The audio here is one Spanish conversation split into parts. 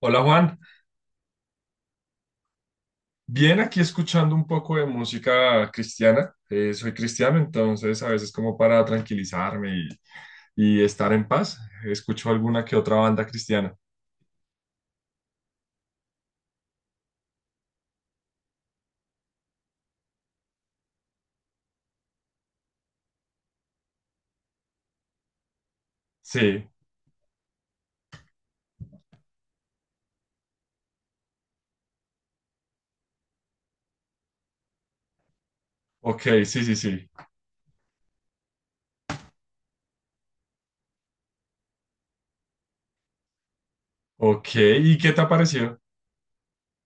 Hola Juan, bien aquí escuchando un poco de música cristiana. Soy cristiano, entonces a veces como para tranquilizarme y estar en paz, escucho alguna que otra banda cristiana. Sí, ok, sí, sí, sí. Ok, ¿y qué te ha parecido?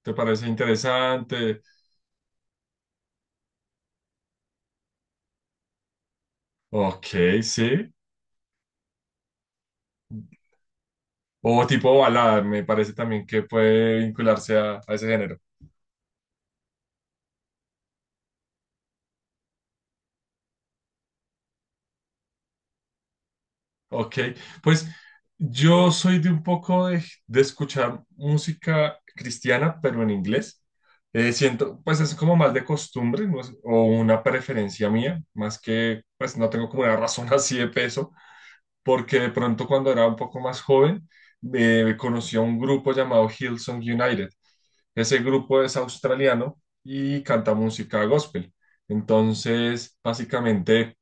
¿Te parece interesante? Ok, sí. O tipo balada, me parece también que puede vincularse a ese género. Ok, pues yo soy de un poco de escuchar música cristiana, pero en inglés. Siento, pues es como más de costumbre, no sé, o una preferencia mía, más que, pues no tengo como una razón así de peso, porque de pronto cuando era un poco más joven, conocí a un grupo llamado Hillsong United. Ese grupo es australiano y canta música gospel. Entonces, básicamente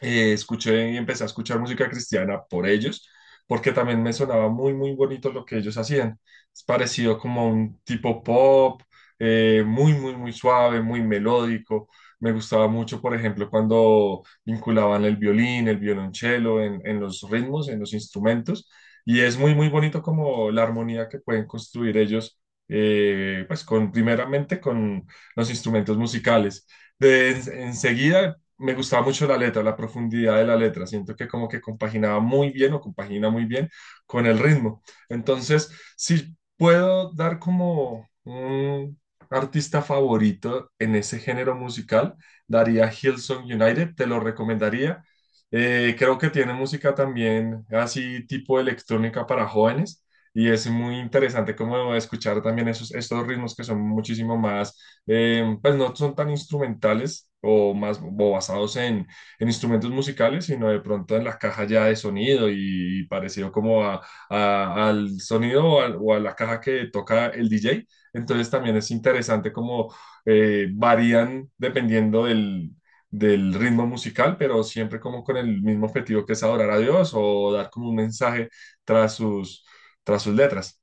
escuché y empecé a escuchar música cristiana por ellos, porque también me sonaba muy, muy bonito lo que ellos hacían. Es parecido como un tipo pop, muy, muy, muy suave, muy melódico. Me gustaba mucho, por ejemplo, cuando vinculaban el violín, el violonchelo en los ritmos, en los instrumentos. Y es muy, muy bonito como la armonía que pueden construir ellos, pues con, primeramente con los instrumentos musicales. De, enseguida me gustaba mucho la letra, la profundidad de la letra. Siento que como que compaginaba muy bien o compagina muy bien con el ritmo. Entonces, si puedo dar como un artista favorito en ese género musical, daría Hillsong United, te lo recomendaría. Creo que tiene música también así tipo electrónica para jóvenes. Y es muy interesante como escuchar también esos, estos ritmos que son muchísimo más pues no son tan instrumentales o más o basados en instrumentos musicales, sino de pronto en la caja ya de sonido y, parecido como al sonido o, o a la caja que toca el DJ. Entonces también es interesante como varían dependiendo del, del ritmo musical, pero siempre como con el mismo objetivo que es adorar a Dios o dar como un mensaje tras sus, tras sus letras.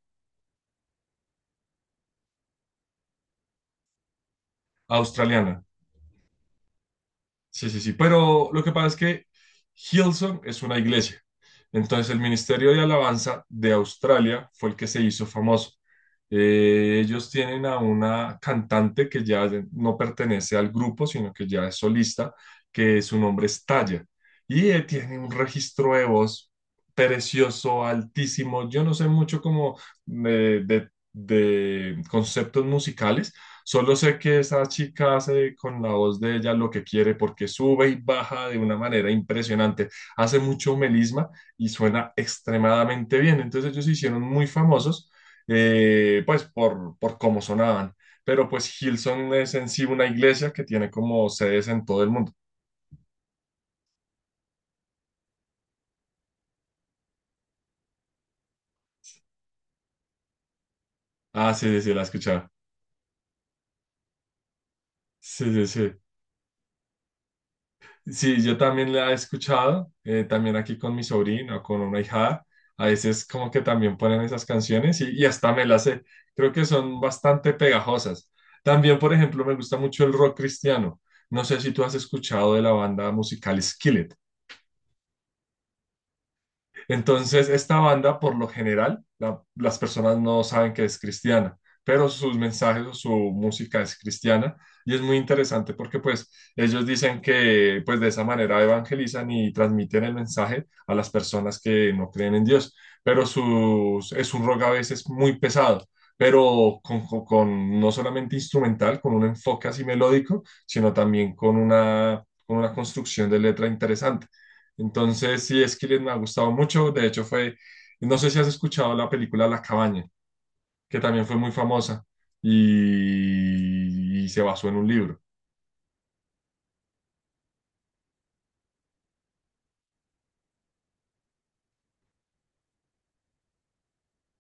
Australiana. Sí, sí, sí, pero lo que pasa es que Hillsong es una iglesia. Entonces el Ministerio de Alabanza de Australia fue el que se hizo famoso. Ellos tienen a una cantante que ya no pertenece al grupo, sino que ya es solista, que su nombre es Taya. Y tiene un registro de voz precioso, altísimo. Yo no sé mucho como de conceptos musicales. Solo sé que esa chica hace con la voz de ella lo que quiere porque sube y baja de una manera impresionante. Hace mucho melisma y suena extremadamente bien. Entonces ellos se hicieron muy famosos, pues por cómo sonaban. Pero pues Hillsong es en sí una iglesia que tiene como sedes en todo el mundo. Ah, sí, sí, sí, la escuchaba. Sí, sí, sí. Sí, yo también la he escuchado, también aquí con mi sobrino, con una hija. A veces como que también ponen esas canciones y hasta me las sé. Creo que son bastante pegajosas. También, por ejemplo, me gusta mucho el rock cristiano. No sé si tú has escuchado de la banda musical Skillet. Entonces, esta banda, por lo general, las personas no saben que es cristiana, pero sus mensajes o su música es cristiana y es muy interesante porque pues ellos dicen que pues de esa manera evangelizan y transmiten el mensaje a las personas que no creen en Dios, pero sus, es un rock a veces muy pesado. Pero con, con no solamente instrumental, con un enfoque así melódico, sino también con una construcción de letra interesante. Entonces, sí, Skillet me ha gustado mucho. De hecho, fue, no sé si has escuchado la película La Cabaña, que también fue muy famosa y se basó en un libro.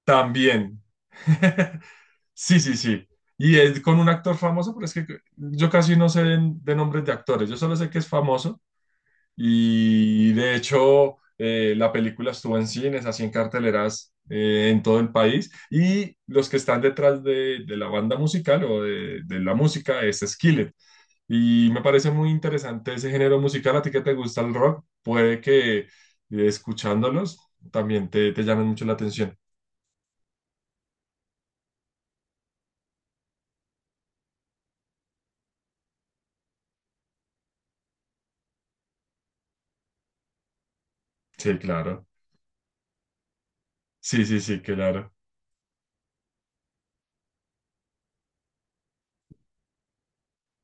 También. Sí, sí, sí. Y es con un actor famoso, pero es que yo casi no sé de nombres de actores. Yo solo sé que es famoso. Y de hecho, la película estuvo en cines, así en carteleras en todo el país. Y los que están detrás de la banda musical o de la música es Skillet. Y me parece muy interesante ese género musical. A ti que te gusta el rock, puede que escuchándolos también te llamen mucho la atención. Sí, claro. Sí, sí, sí, claro.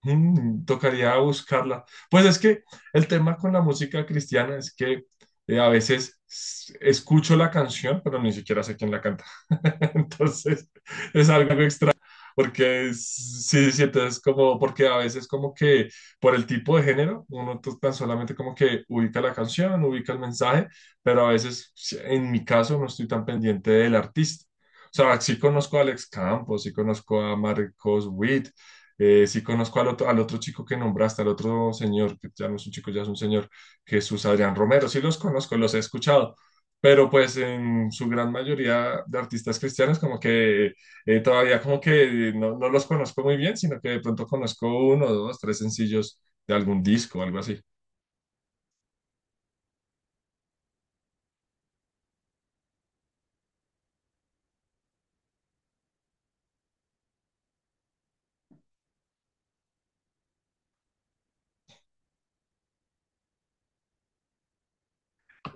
Mm, tocaría buscarla. Pues es que el tema con la música cristiana es que a veces escucho la canción, pero ni siquiera sé quién la canta. Entonces es algo extraño, porque sí, sí, entonces como, porque a veces como que por el tipo de género, uno tan solamente como que ubica la canción, ubica el mensaje, pero a veces, sí, en mi caso, no estoy tan pendiente del artista. O sea, sí conozco a Alex Campos, sí conozco a Marcos Witt, sí conozco al otro chico que nombraste, al otro señor, que ya no es un chico, ya es un señor, Jesús Adrián Romero. Sí los conozco, los he escuchado, pero pues en su gran mayoría de artistas cristianos como que todavía como que no, no los conozco muy bien, sino que de pronto conozco uno, dos, tres sencillos de algún disco o algo así.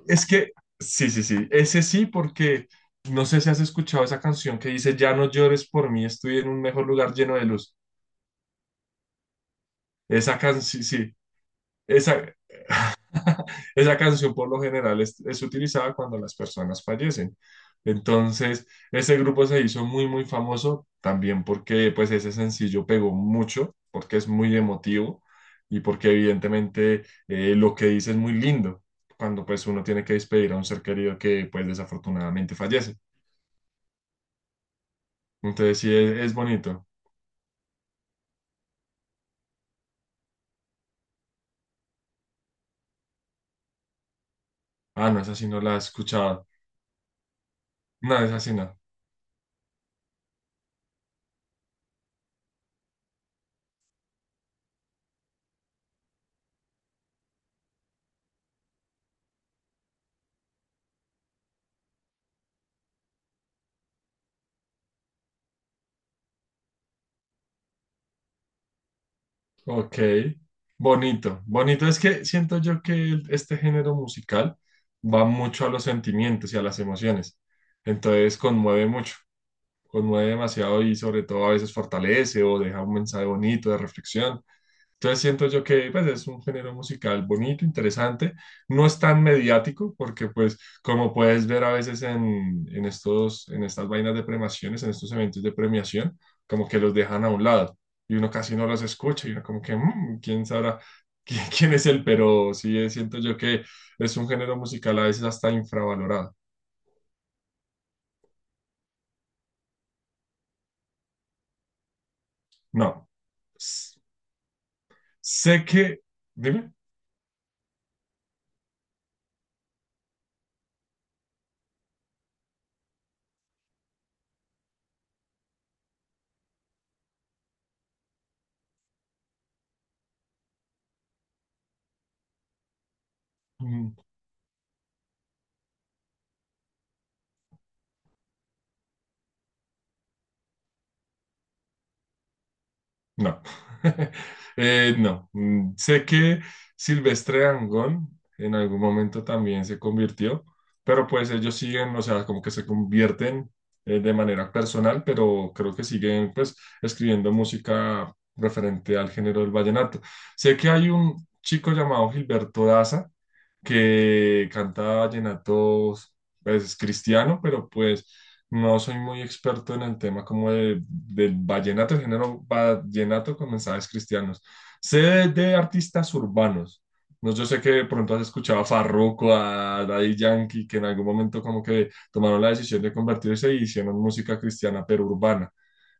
Es que, sí, sí, sí, ese sí, porque no sé si has escuchado esa canción que dice, ya no llores por mí, estoy en un mejor lugar lleno de luz. Esa canción, sí, sí, esa, esa canción por lo general es utilizada cuando las personas fallecen. Entonces, ese grupo se hizo muy, muy famoso también porque pues ese sencillo pegó mucho, porque es muy emotivo y porque evidentemente lo que dice es muy lindo cuando pues uno tiene que despedir a un ser querido que pues desafortunadamente fallece. Entonces, sí, es bonito. Ah, no, esa sí no la he escuchado. No, esa sí no. Ok, bonito. Bonito es que siento yo que este género musical va mucho a los sentimientos y a las emociones. Entonces conmueve mucho, conmueve demasiado y sobre todo a veces fortalece o deja un mensaje bonito de reflexión. Entonces siento yo que pues, es un género musical bonito, interesante, no es tan mediático porque pues como puedes ver a veces en estos, en estas vainas de premiaciones, en estos eventos de premiación, como que los dejan a un lado y uno casi no los escucha y uno como que "Mm, quién sabrá quién, quién es él", pero sí siento yo que es un género musical a veces hasta infravalorado. No, s- sé que, dime. No, no. Mm, sé que Silvestre Dangond en algún momento también se convirtió, pero pues ellos siguen, o sea, como que se convierten de manera personal, pero creo que siguen pues escribiendo música referente al género del vallenato. Sé que hay un chico llamado Gilberto Daza que canta vallenatos, pues es cristiano, pero pues no soy muy experto en el tema como del vallenato, el género vallenato con mensajes cristianos. Sé de artistas urbanos. No, yo sé que de pronto has escuchado a Farruko, a Daddy Yankee, que en algún momento como que tomaron la decisión de convertirse y hicieron música cristiana, pero urbana.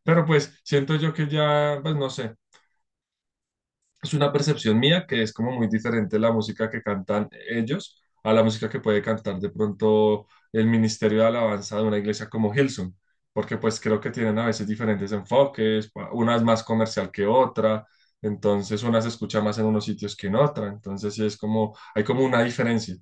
Pero pues siento yo que ya, pues no sé, es una percepción mía que es como muy diferente la música que cantan ellos a la música que puede cantar de pronto el Ministerio de Alabanza de una iglesia como Hillsong, porque pues creo que tienen a veces diferentes enfoques, una es más comercial que otra, entonces una se escucha más en unos sitios que en otra, entonces sí es como, hay como una diferencia.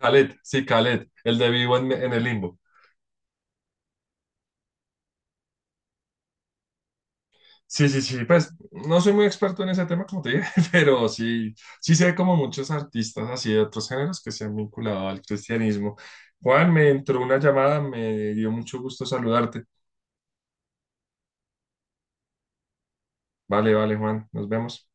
Khaled, sí, Khaled, el de Vivo en el Limbo. Sí, sí, sí, pues no soy muy experto en ese tema, como te dije, pero sí, sí sé como muchos artistas así de otros géneros que se han vinculado al cristianismo. Juan, me entró una llamada, me dio mucho gusto saludarte. Vale, vale, Juan, nos vemos.